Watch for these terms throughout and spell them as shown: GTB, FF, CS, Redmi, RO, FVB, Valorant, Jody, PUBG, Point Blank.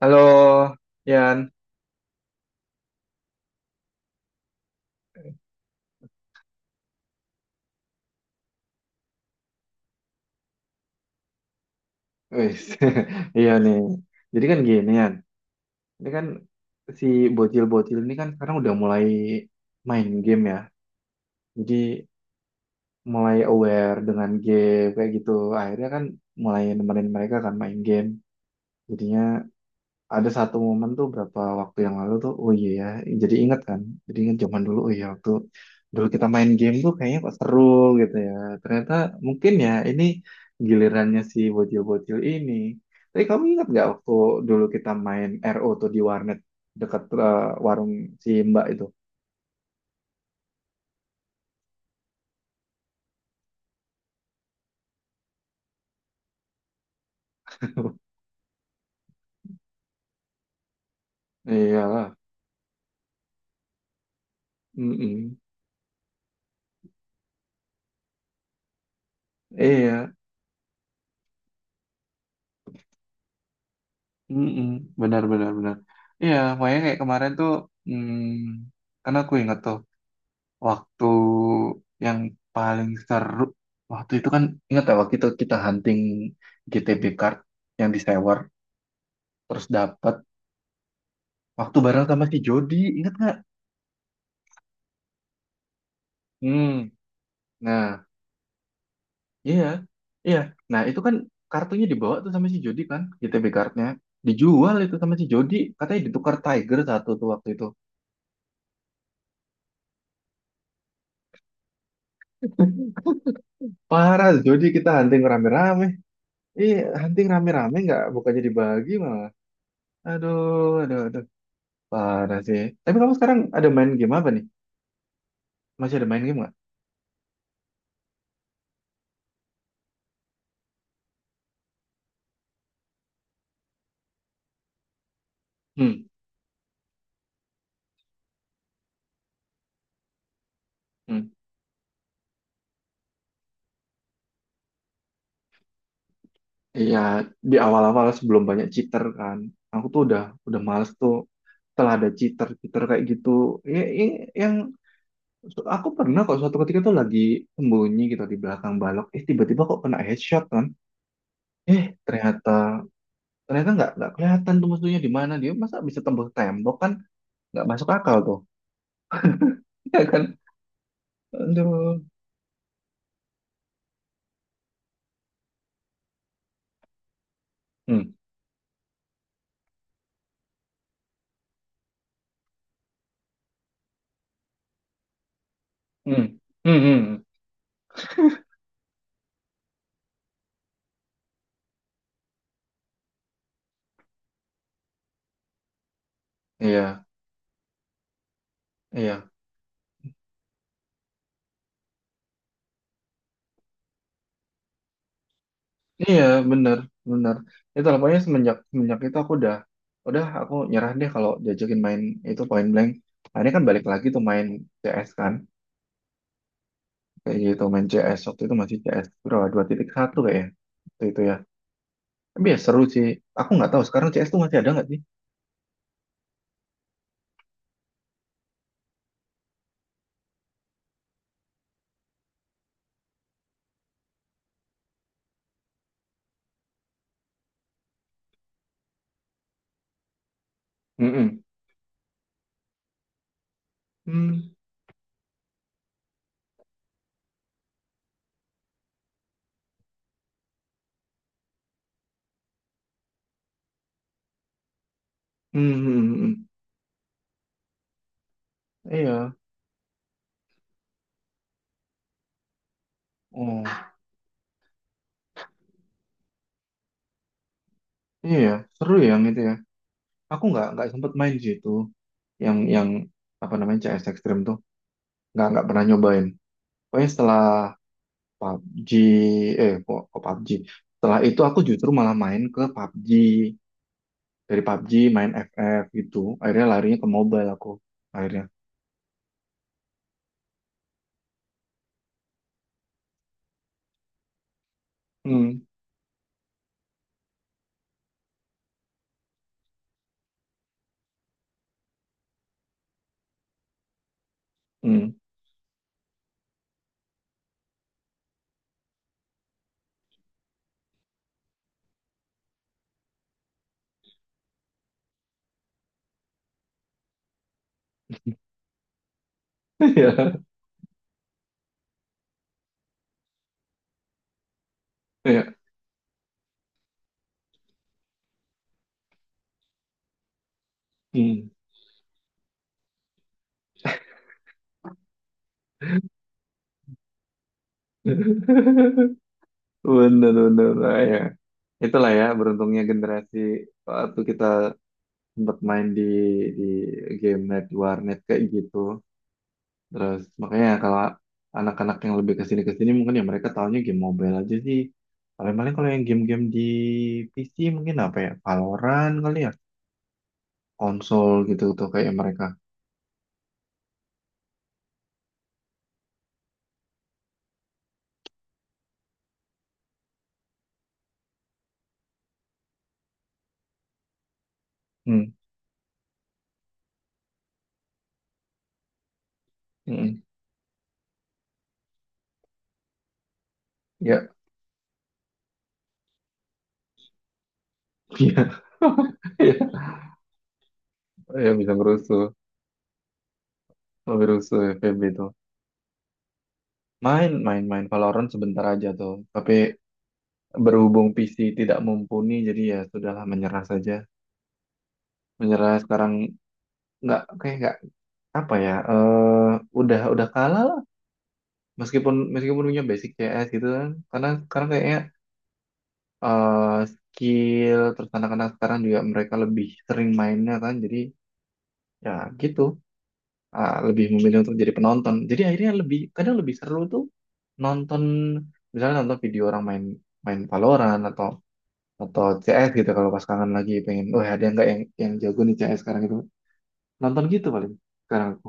Halo, Yan. Wis, iya nih. Jadi kan gini, Yan. Ini kan si bocil-bocil ini kan sekarang udah mulai main game ya. Jadi mulai aware dengan game kayak gitu. Akhirnya kan mulai nemenin mereka kan main game. Jadinya ada satu momen tuh berapa waktu yang lalu tuh, oh iya ya, jadi inget kan, jadi inget zaman dulu. Oh iya, waktu dulu kita main game tuh kayaknya kok seru gitu ya. Ternyata mungkin ya ini gilirannya si bocil-bocil ini. Tapi kamu ingat nggak waktu dulu kita main RO tuh di warnet dekat warung si Mbak itu? Iya. Mm. Iya. Mm. Benar, benar, benar. Iya, makanya kayak kemarin tuh, karena aku ingat tuh waktu yang paling seru. Waktu itu kan ingat ya, waktu itu kita hunting GTB card yang di disewer terus dapat waktu bareng sama si Jody, ingat nggak? Hmm. Nah. Iya, iya. Nah, itu kan kartunya dibawa tuh sama si Jody kan, GTB cardnya dijual itu sama si Jody, katanya ditukar Tiger satu tuh waktu itu. Parah, Jody, kita hunting rame-rame. Iya, hunting rame-rame, nggak, bukannya dibagi malah aduh, aduh, aduh. Parah sih. Tapi kamu sekarang ada main game apa nih? Masih ada main game nggak? Hmm. Hmm. Iya, di awal-awal sebelum banyak cheater kan. Aku tuh udah males tuh setelah ada cheater-cheater kayak gitu. Ya, ya, yang aku pernah kok suatu ketika tuh lagi sembunyi gitu di belakang balok. Eh, tiba-tiba kok kena headshot kan. Eh, ternyata ternyata nggak kelihatan tuh musuhnya di mana dia. Masa bisa tembus tembok kan? Nggak masuk akal tuh. Iya kan? Aduh. Hmm. Hmm. Hmm. Hmm. Iya. Iya. Iya, bener, bener. Itu lah, pokoknya semenjak itu aku udah nyerah deh kalau diajakin main itu point blank. Nah, ini kan balik lagi tuh main CS kan, kayak gitu. Main CS waktu itu masih CS berapa? 2.1 kayaknya, waktu itu ya. Tapi ya seru sih. Aku nggak tahu sekarang CS tuh masih ada nggak sih? Mm-mm. Hmm, hmm, hmm, hmm, hmm. Iya, oh, iya, seru ya yang itu ya. Aku nggak sempet main sih itu, yang apa namanya, CS Extreme tuh, nggak pernah nyobain. Pokoknya setelah PUBG, kok PUBG. Setelah itu aku justru malah main ke PUBG. Dari P U B G main FF gitu. Akhirnya larinya ke mobile aku. Akhirnya. Hmm. Hmm. Ya. Iya. Hmm. Bener, bener. Nah. Ya. Itulah ya beruntungnya generasi waktu kita sempat main di game net warnet kayak gitu. Terus makanya kalau anak-anak yang lebih ke sini mungkin ya mereka tahunya game mobile aja sih. Paling-paling kalau yang game-game di PC mungkin apa ya? Valorant kali ya, konsol gitu tuh kayak mereka. Hmm. Hmm. Ya, iya. Iya, ya, bisa berusuh, berusuh FVB itu. Main, main, main Valorant sebentar aja tuh. Tapi berhubung PC tidak mumpuni, jadi ya sudahlah menyerah saja. Menyerah sekarang nggak kayak nggak apa ya. Udah kalah meskipun meskipun punya basic CS gitu kan karena sekarang kayaknya, skill. Terus anak-anak sekarang juga mereka lebih sering mainnya kan, jadi ya gitu, lebih memilih untuk jadi penonton, jadi akhirnya lebih kadang lebih seru tuh nonton, misalnya nonton video orang main main Valorant atau CS gitu kalau pas kangen lagi pengen, wah, ada nggak yang jago nih CS sekarang gitu, nonton gitu paling sekarang aku.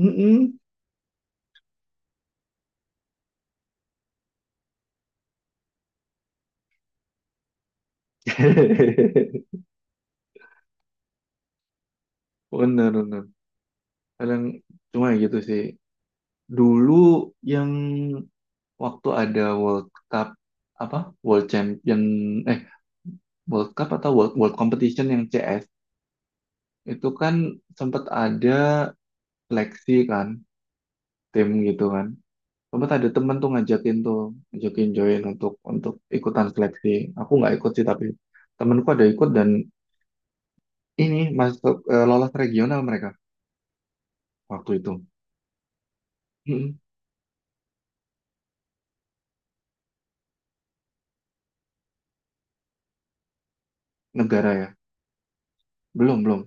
Mm-mm. Bener bener, kadang cuma ya gitu sih. Dulu yang waktu ada World Cup apa World Champion, eh, World Cup atau World World Competition yang CS itu kan sempat ada seleksi kan, tim gitu kan, sempat ada temen tuh ngajakin join untuk ikutan seleksi. Aku nggak ikut sih, tapi temenku ada ikut dan ini masuk, eh, lolos regional mereka waktu itu. Mm-mm. Negara ya. Belum, belum.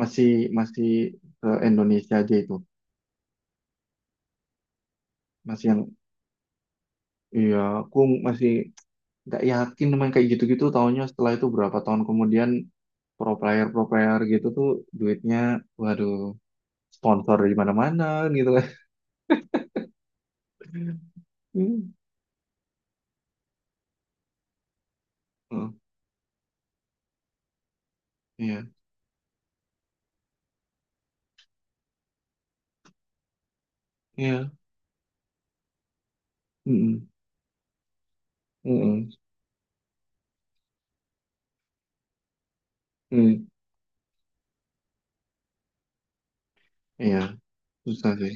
Masih masih ke Indonesia aja itu masih yang Iya, aku masih nggak yakin main kayak gitu-gitu. Taunya setelah itu berapa tahun kemudian pro player gitu tuh duitnya, waduh, sponsor di mana-mana gitu kan. Hmm. Oh, iya, iya. Mm-mm. Mm-mm. Mm. Iya, susah sih.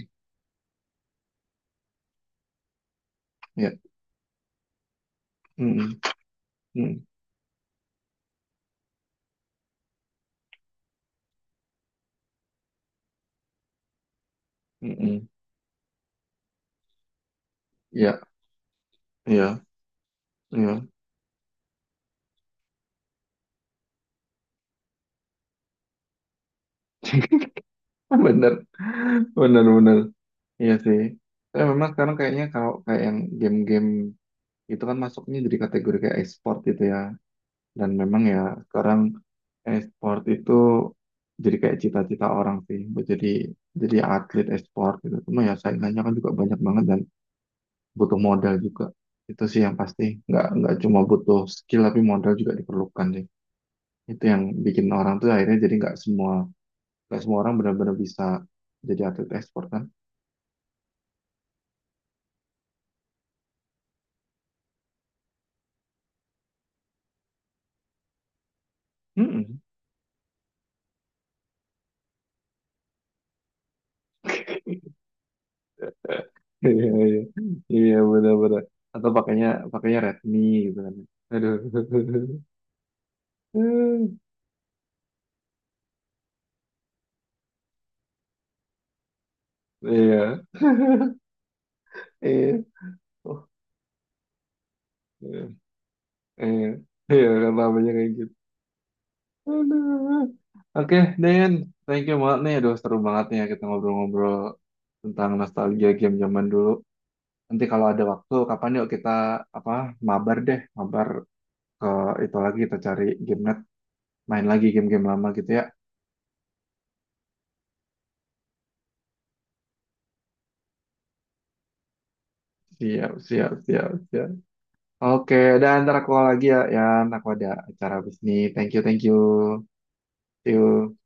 Iya. Mm-mm. Mm. Mm-mm. Iya, iya, iya. Bener, bener, bener. Iya sih. Tapi memang sekarang kayaknya kalau kayak yang game-game itu kan masuknya jadi kategori kayak e-sport gitu ya. Dan memang ya sekarang e-sport itu jadi kayak cita-cita orang sih buat jadi atlet e-sport gitu. Cuma ya saingannya kan juga banyak banget dan butuh modal juga. Itu sih yang pasti. Nggak cuma butuh skill tapi modal juga diperlukan sih. Itu yang bikin orang tuh akhirnya jadi nggak semua orang benar-benar bisa jadi atlet e-sport kan. Mm-mm. Iya, iya, iya, benar-benar. Atau pakainya pakainya Redmi gitu kan. Aduh. Iya. Iya. Oh, iya. Iya. Iya, kan namanya kayak gitu. Aduh. Oke, Dayan. Thank you banget nih. Aduh, seru banget nih ya kita ngobrol-ngobrol tentang nostalgia game zaman dulu. Nanti kalau ada waktu, kapan yuk kita apa mabar deh. Mabar ke itu lagi, kita cari game net. Main lagi game-game lama gitu ya. Siap, siap, siap, siap. Oke, dan ntar aku lagi ya. Ya, aku ada acara bisnis. Thank you, thank you. See you.